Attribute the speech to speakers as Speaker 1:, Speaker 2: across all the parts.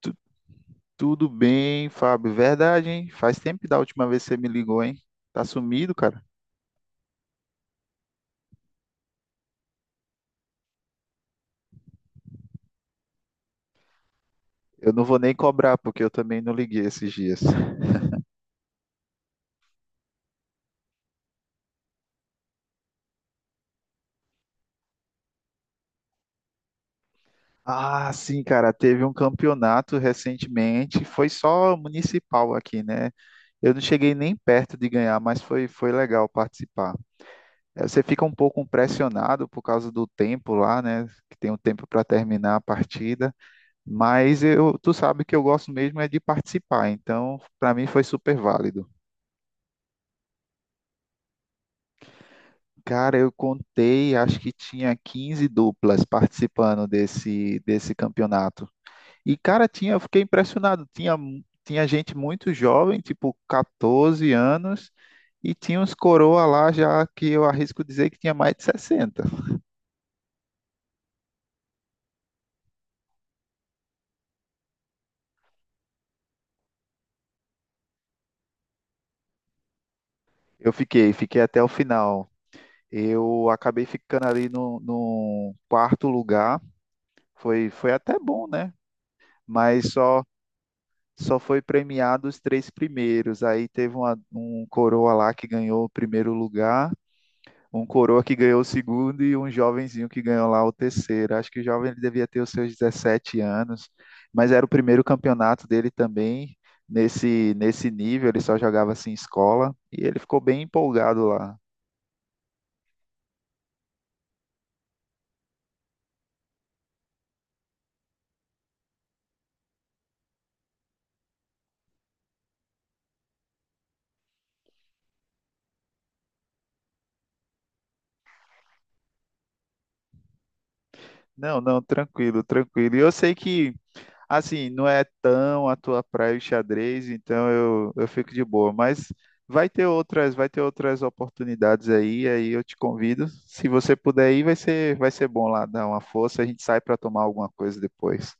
Speaker 1: Tu- Tudo bem, Fábio? Verdade, hein? Faz tempo da última vez que você me ligou, hein? Tá sumido, cara? Eu não vou nem cobrar, porque eu também não liguei esses dias. Ah, sim, cara, teve um campeonato recentemente, foi só municipal aqui, né? Eu não cheguei nem perto de ganhar, mas foi legal participar. Você fica um pouco pressionado por causa do tempo lá, né? Que tem um tempo para terminar a partida, mas tu sabe que eu gosto mesmo é de participar, então para mim foi super válido. Cara, eu contei, acho que tinha 15 duplas participando desse campeonato. E, cara, eu fiquei impressionado. Tinha gente muito jovem, tipo 14 anos, e tinha uns coroa lá já que eu arrisco dizer que tinha mais de 60. Eu fiquei até o final. Eu acabei ficando ali no quarto lugar. Foi até bom, né? Mas só foi premiado os três primeiros. Aí teve um coroa lá que ganhou o primeiro lugar, um coroa que ganhou o segundo e um jovenzinho que ganhou lá o terceiro. Acho que o jovem ele devia ter os seus 17 anos, mas era o primeiro campeonato dele também. Nesse nível, ele só jogava assim em escola e ele ficou bem empolgado lá. Não, não, tranquilo, tranquilo. E eu sei que assim, não é tão a tua praia o xadrez, então eu fico de boa. Mas vai ter outras oportunidades aí eu te convido. Se você puder ir, vai ser bom lá, dar uma força, a gente sai para tomar alguma coisa depois.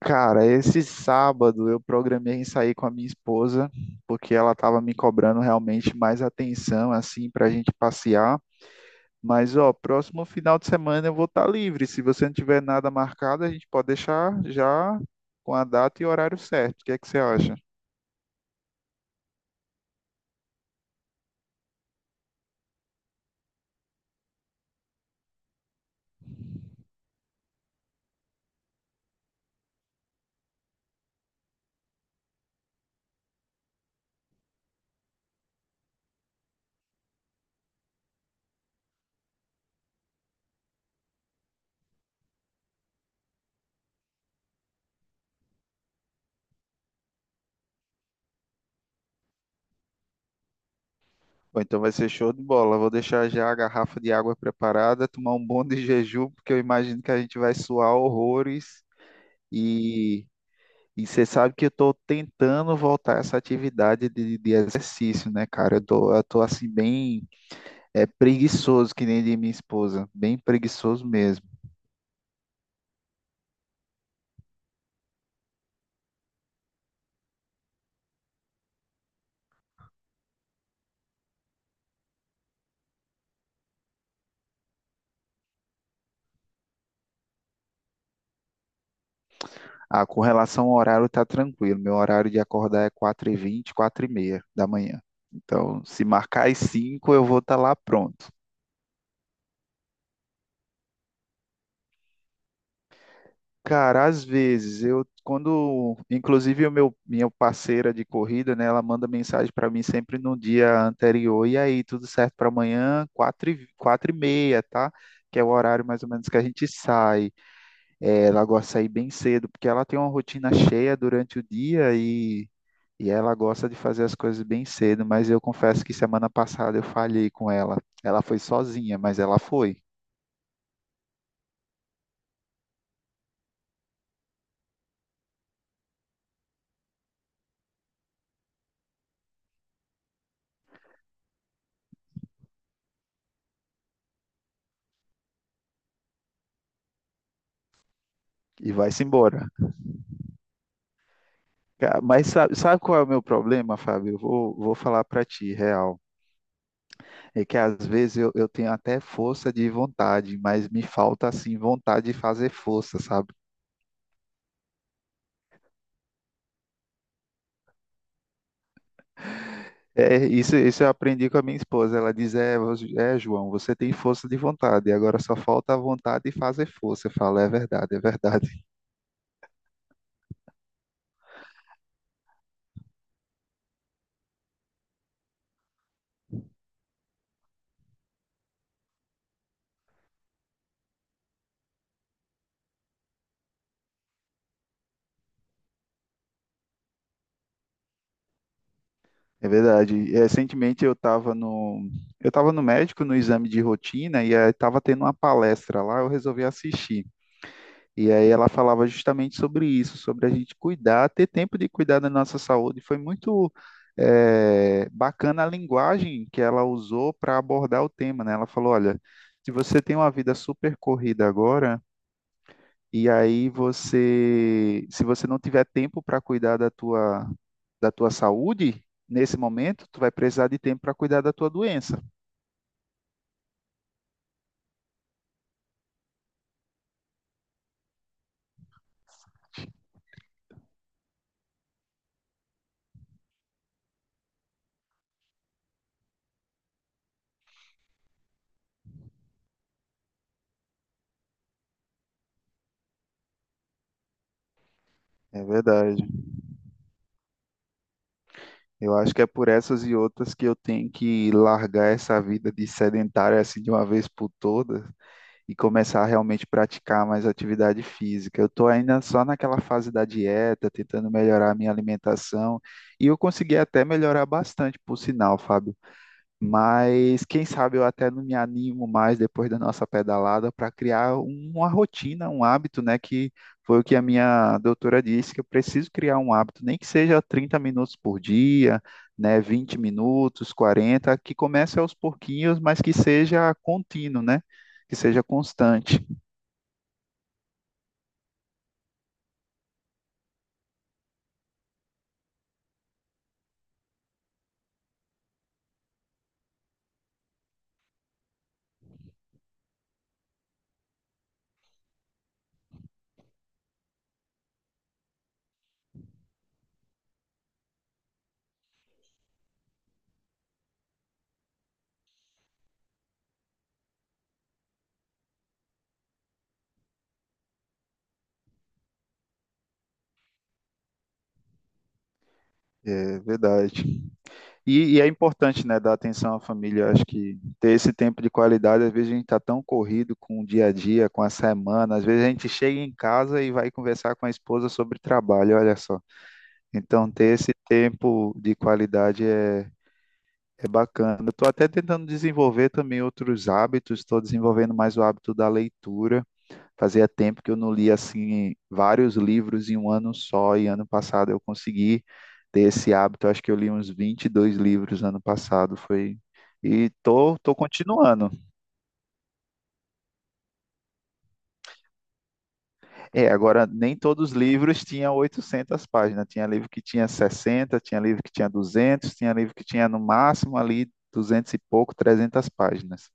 Speaker 1: Cara, esse sábado eu programei em sair com a minha esposa, porque ela estava me cobrando realmente mais atenção, assim, para a gente passear. Mas, ó, próximo final de semana eu vou estar livre. Se você não tiver nada marcado, a gente pode deixar já com a data e horário certo. O que é que você acha? Bom, então vai ser show de bola. Vou deixar já a garrafa de água preparada, tomar um bom de jejum, porque eu imagino que a gente vai suar horrores. E, e você sabe que eu estou tentando voltar a essa atividade de exercício, né, cara? Eu tô assim, bem preguiçoso, que nem de minha esposa, bem preguiçoso mesmo. Ah, com relação ao horário, tá tranquilo. Meu horário de acordar é 4:20 4:30 da manhã. Então, se marcar às 5, eu vou estar lá pronto. Cara, às vezes eu quando, inclusive o meu minha parceira de corrida, né, ela manda mensagem para mim sempre no dia anterior. E aí, tudo certo para amanhã, 4 e 4 e meia, tá? Que é o horário mais ou menos que a gente sai. Ela gosta de sair bem cedo, porque ela tem uma rotina cheia durante o dia e ela gosta de fazer as coisas bem cedo, mas eu confesso que semana passada eu falhei com ela. Ela foi sozinha, mas ela foi e vai-se embora. Mas sabe qual é o meu problema, Fábio? Eu vou falar para ti, real. É que às vezes eu tenho até força de vontade, mas me falta assim vontade de fazer força, sabe? É, isso eu aprendi com a minha esposa. Ela diz: João, você tem força de vontade, agora só falta a vontade de fazer força. Eu falo: é verdade, é verdade. É verdade. Recentemente eu estava no médico no exame de rotina e estava tendo uma palestra lá, eu resolvi assistir. E aí ela falava justamente sobre isso, sobre a gente cuidar, ter tempo de cuidar da nossa saúde. Foi muito bacana a linguagem que ela usou para abordar o tema, né? Ela falou, olha, se você tem uma vida super corrida agora, e aí se você não tiver tempo para cuidar da tua saúde, nesse momento, tu vai precisar de tempo para cuidar da tua doença. É verdade. Eu acho que é por essas e outras que eu tenho que largar essa vida de sedentário assim de uma vez por todas e começar a realmente praticar mais atividade física. Eu estou ainda só naquela fase da dieta, tentando melhorar a minha alimentação e eu consegui até melhorar bastante, por sinal, Fábio. Mas quem sabe eu até não me animo mais depois da nossa pedalada para criar uma rotina, um hábito, né? Que foi o que a minha doutora disse, que eu preciso criar um hábito, nem que seja 30 minutos por dia, né? 20 minutos, 40, que comece aos pouquinhos, mas que seja contínuo, né? Que seja constante. É verdade. E é importante, né, dar atenção à família. Eu acho que ter esse tempo de qualidade, às vezes a gente está tão corrido com o dia a dia, com a semana, às vezes a gente chega em casa e vai conversar com a esposa sobre trabalho, olha só. Então, ter esse tempo de qualidade é bacana. Eu estou até tentando desenvolver também outros hábitos, estou desenvolvendo mais o hábito da leitura. Fazia tempo que eu não lia assim vários livros em um ano só, e ano passado eu consegui ter esse hábito. Eu acho que eu li uns 22 livros ano passado, foi e tô continuando. É, agora nem todos os livros tinham 800 páginas. Tinha livro que tinha 60, tinha livro que tinha 200, tinha livro que tinha no máximo ali 200 e pouco, 300 páginas.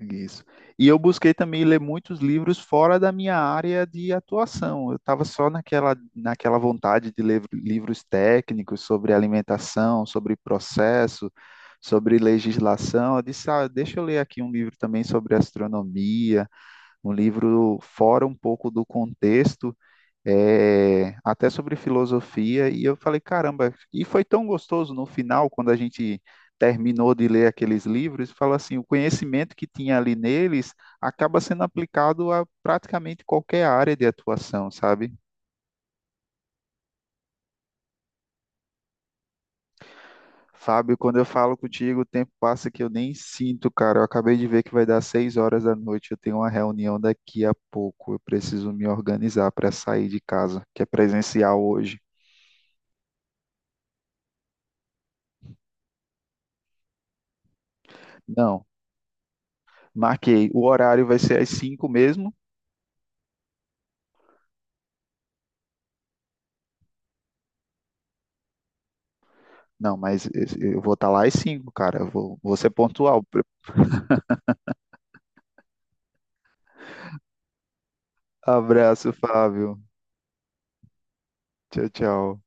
Speaker 1: Isso. E eu busquei também ler muitos livros fora da minha área de atuação. Eu estava só naquela vontade de ler livros técnicos sobre alimentação, sobre processo, sobre legislação. Eu disse, ah, deixa eu ler aqui um livro também sobre astronomia, um livro fora um pouco do contexto até sobre filosofia, e eu falei, caramba, e foi tão gostoso no final, quando a gente terminou de ler aqueles livros, fala assim, o conhecimento que tinha ali neles acaba sendo aplicado a praticamente qualquer área de atuação, sabe? Fábio, quando eu falo contigo, o tempo passa que eu nem sinto, cara. Eu acabei de ver que vai dar 6 horas da noite, eu tenho uma reunião daqui a pouco. Eu preciso me organizar para sair de casa, que é presencial hoje. Não, marquei. O horário vai ser às 5 mesmo. Não, mas eu vou estar lá às 5, cara. Eu vou ser pontual. Abraço, Fábio. Tchau, tchau.